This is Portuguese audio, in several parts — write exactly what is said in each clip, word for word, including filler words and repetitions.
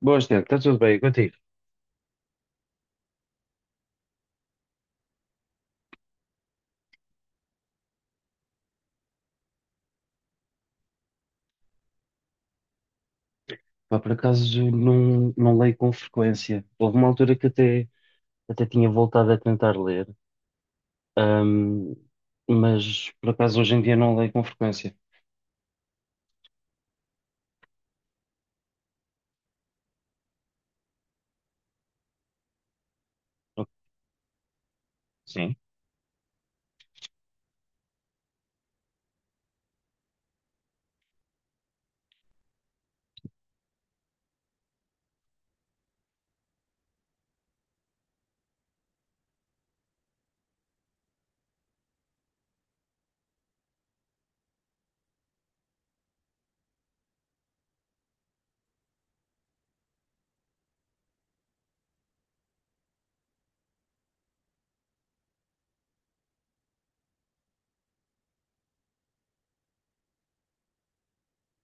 Boas, Tiago, está tudo bem contigo? Pá, por acaso não, não leio com frequência. Houve uma altura que até, até tinha voltado a tentar ler, ahm, mas por acaso hoje em dia não leio com frequência. O- Sim.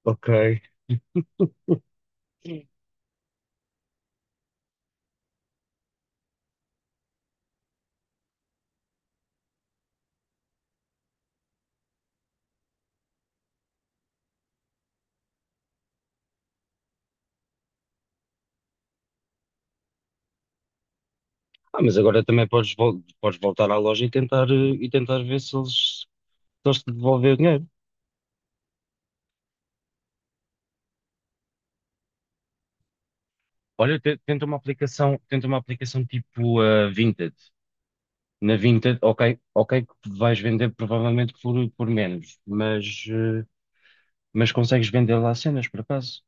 Ok. Sim. Ah, mas agora também podes, vol- podes voltar à loja e tentar, eh, e tentar ver se eles, se eles te devolvem o dinheiro. Olha, te- tenta uma aplicação, tenta uma aplicação tipo a Vinted. Na Vinted, ok, ok, que vais vender provavelmente por, por menos, mas. Mas consegues vender lá cenas, por acaso?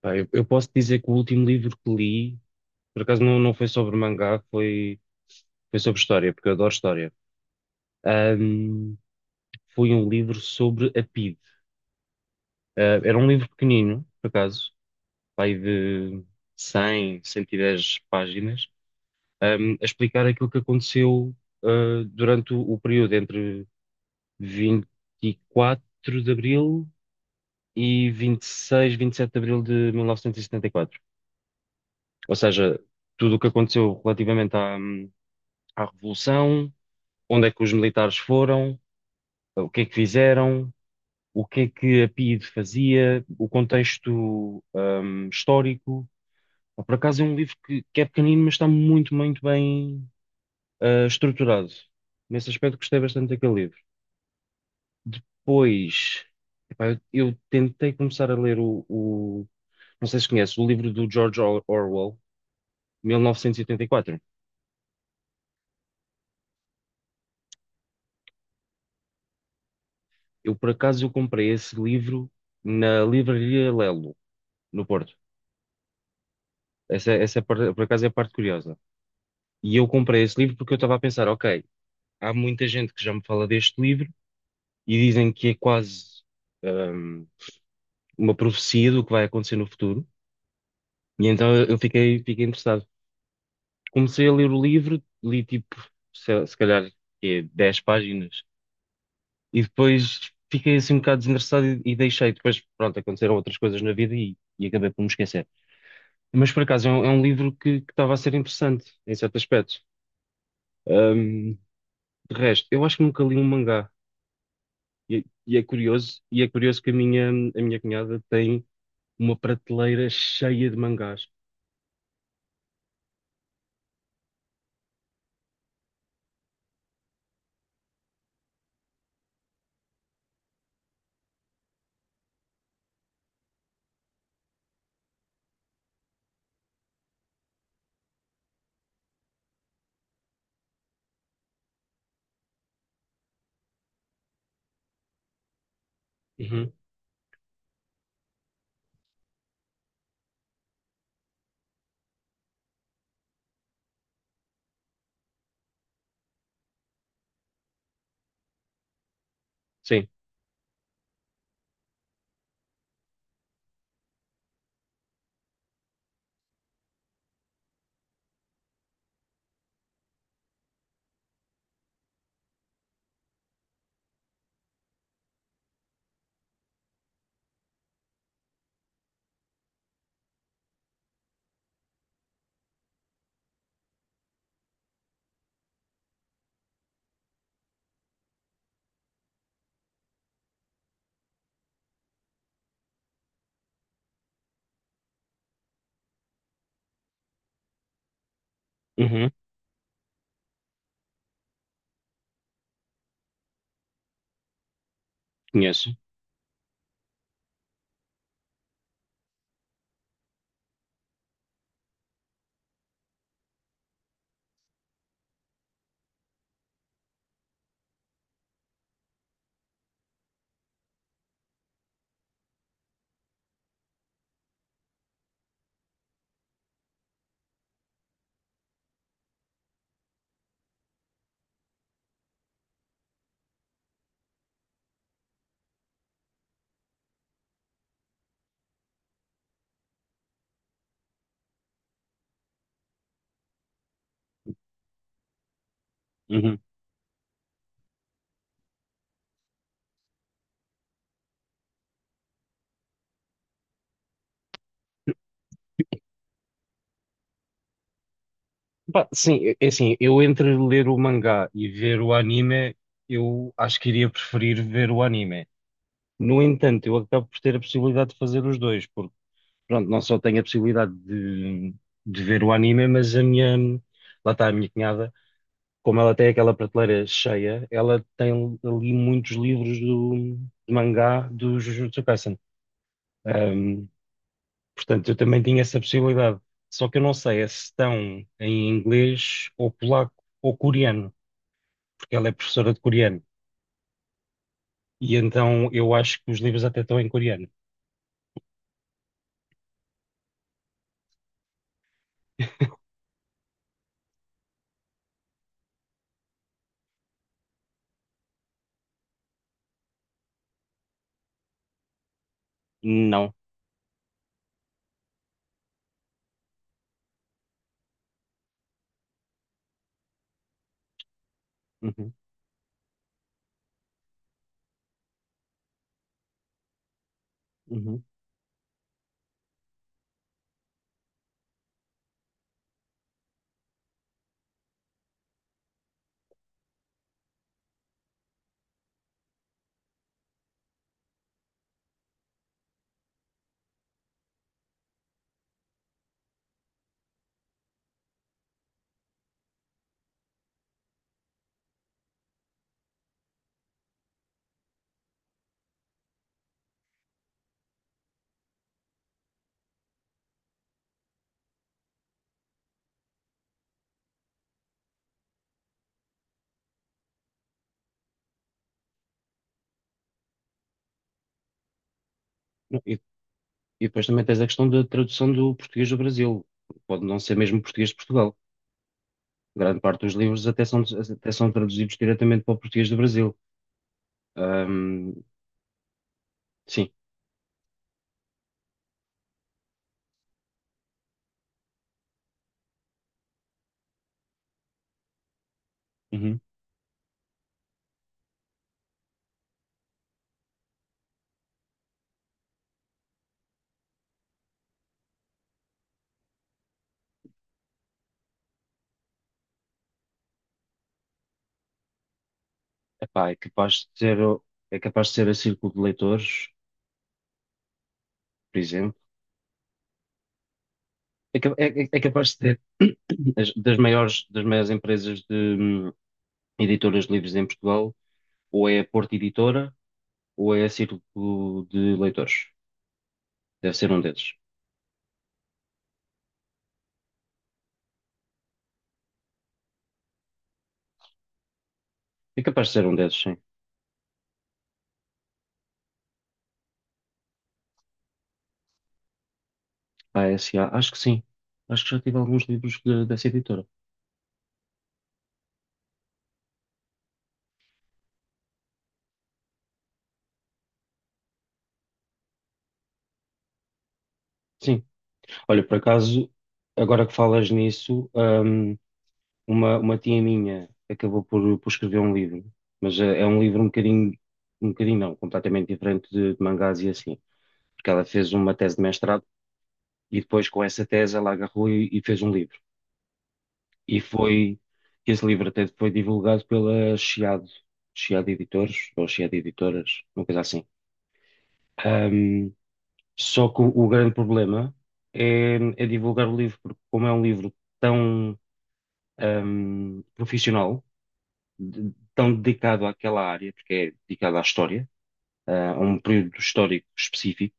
Pá, eu, eu posso dizer que o último livro que li, por acaso não, não foi sobre mangá, foi, foi sobre história, porque eu adoro história. Ahm, Foi um livro sobre a PIDE. Ah, era um livro pequenino, por acaso, pai de cem, cento e dez páginas, ahm, a explicar aquilo que aconteceu, ah, durante o, o período entre vinte e quatro de Abril e vinte e seis, vinte e sete de Abril de mil novecentos e setenta e quatro. Ou seja, tudo o que aconteceu relativamente à, à Revolução, onde é que os militares foram, o que é que fizeram, o que é que a PIDE fazia, o contexto, hum, histórico. Por acaso é um livro que, que é pequenino, mas está muito, muito bem, ah, estruturado. Nesse aspecto gostei bastante daquele livro. Depois, epá, eu, eu tentei começar a ler o, o- não sei se conhece, o livro do George Or- Orwell, mil novecentos e oitenta e quatro. Eu, por acaso, eu comprei esse livro na Livraria Lelo, no Porto. Essa, essa por, por acaso, é a parte curiosa. E eu comprei esse livro porque eu estava a pensar, ok, há muita gente que já me fala deste livro e dizem que é quase, ahm, uma profecia do que vai acontecer no futuro. E então eu eu fiquei, fiquei interessado. Comecei a ler o livro, li tipo, se, se calhar, é dez páginas. E depois fiquei assim um bocado desinteressado e, e deixei. Depois, pronto, aconteceram outras coisas na vida e, e acabei por me esquecer. Mas por acaso é um, é um livro que que estava a ser interessante em certo aspecto. Ahm, de resto, eu acho que nunca li um mangá. E, e é curioso, e é curioso que a minha, a minha cunhada tem uma prateleira cheia de mangás. Uhum. Sim. Uhum. Conheço. Uhum. Pá, sim, é é assim, eu entre ler o mangá e ver o anime, eu acho que iria preferir ver o anime. No entanto, eu acabo por ter a possibilidade de fazer os dois, porque pronto, não só tenho a possibilidade de, de ver o anime, mas a minha, lá está a minha cunhada, como ela tem aquela prateleira cheia, ela tem ali muitos livros do, de mangá do Jujutsu Kaisen. Ahm, Portanto, eu também tinha essa possibilidade. Só que eu não sei é se estão em inglês ou polaco ou coreano, porque ela é professora de coreano. E então eu acho que os livros até estão em coreano. Não. Uhum, uhum. E depois também tens a questão da tradução do português do Brasil. Pode não ser mesmo português de Portugal. Grande parte dos livros até são, até são traduzidos diretamente para o português do Brasil. Ahm, sim. Uhum. Epá, é capaz de ser, o- é capaz de ser a Círculo de Leitores, por exemplo. É, ca- é- é- é capaz de ser as- das maiores, das maiores empresas de hum, editoras de livros em Portugal, ou é a Porta Editora, ou é a Círculo de Leitores. Deve ser um desses. É capaz de ser um desses, sim. A S A, acho que sim. Acho que já tive alguns livros de- dessa editora. Sim. Olha, por acaso, agora que falas nisso, hum, uma, uma tia minha acabou por, por escrever um livro, mas é, é um livro um bocadinho, um bocadinho não, completamente diferente de, de mangás e assim, porque ela fez uma tese de mestrado e depois com essa tese ela agarrou e, e fez um livro. E foi, esse livro até foi divulgado pela Chiado, Chiado Editores, ou Chiado Editoras, uma coisa assim. Hum. Só que o, o grande problema é, é divulgar o livro, porque como é um livro tão ahm, profissional, de- tão dedicado àquela área, porque é dedicado à história, ah, a um período histórico específico,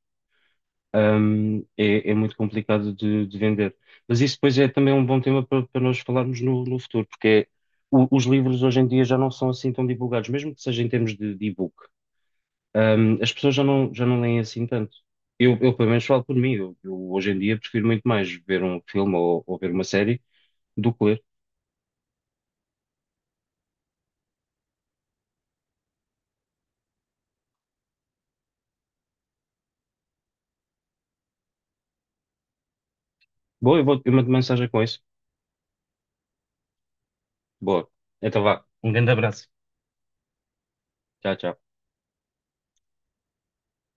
ahm, é, é muito complicado de, de vender. Mas isso depois é também um bom tema para, para nós falarmos no, no futuro, porque é- o- os livros hoje em dia já não são assim tão divulgados, mesmo que seja em termos de, de e-book. Ahm, as pessoas já não, já não leem assim tanto. Eu, eu, pelo menos, falo por mim. Eu, eu, hoje em dia, prefiro muito mais ver um filme ou, ou ver uma série do que ler. Boa, eu vou, eu mando mensagem com isso. Boa. Então vá. Um grande abraço. Tchau, tchau.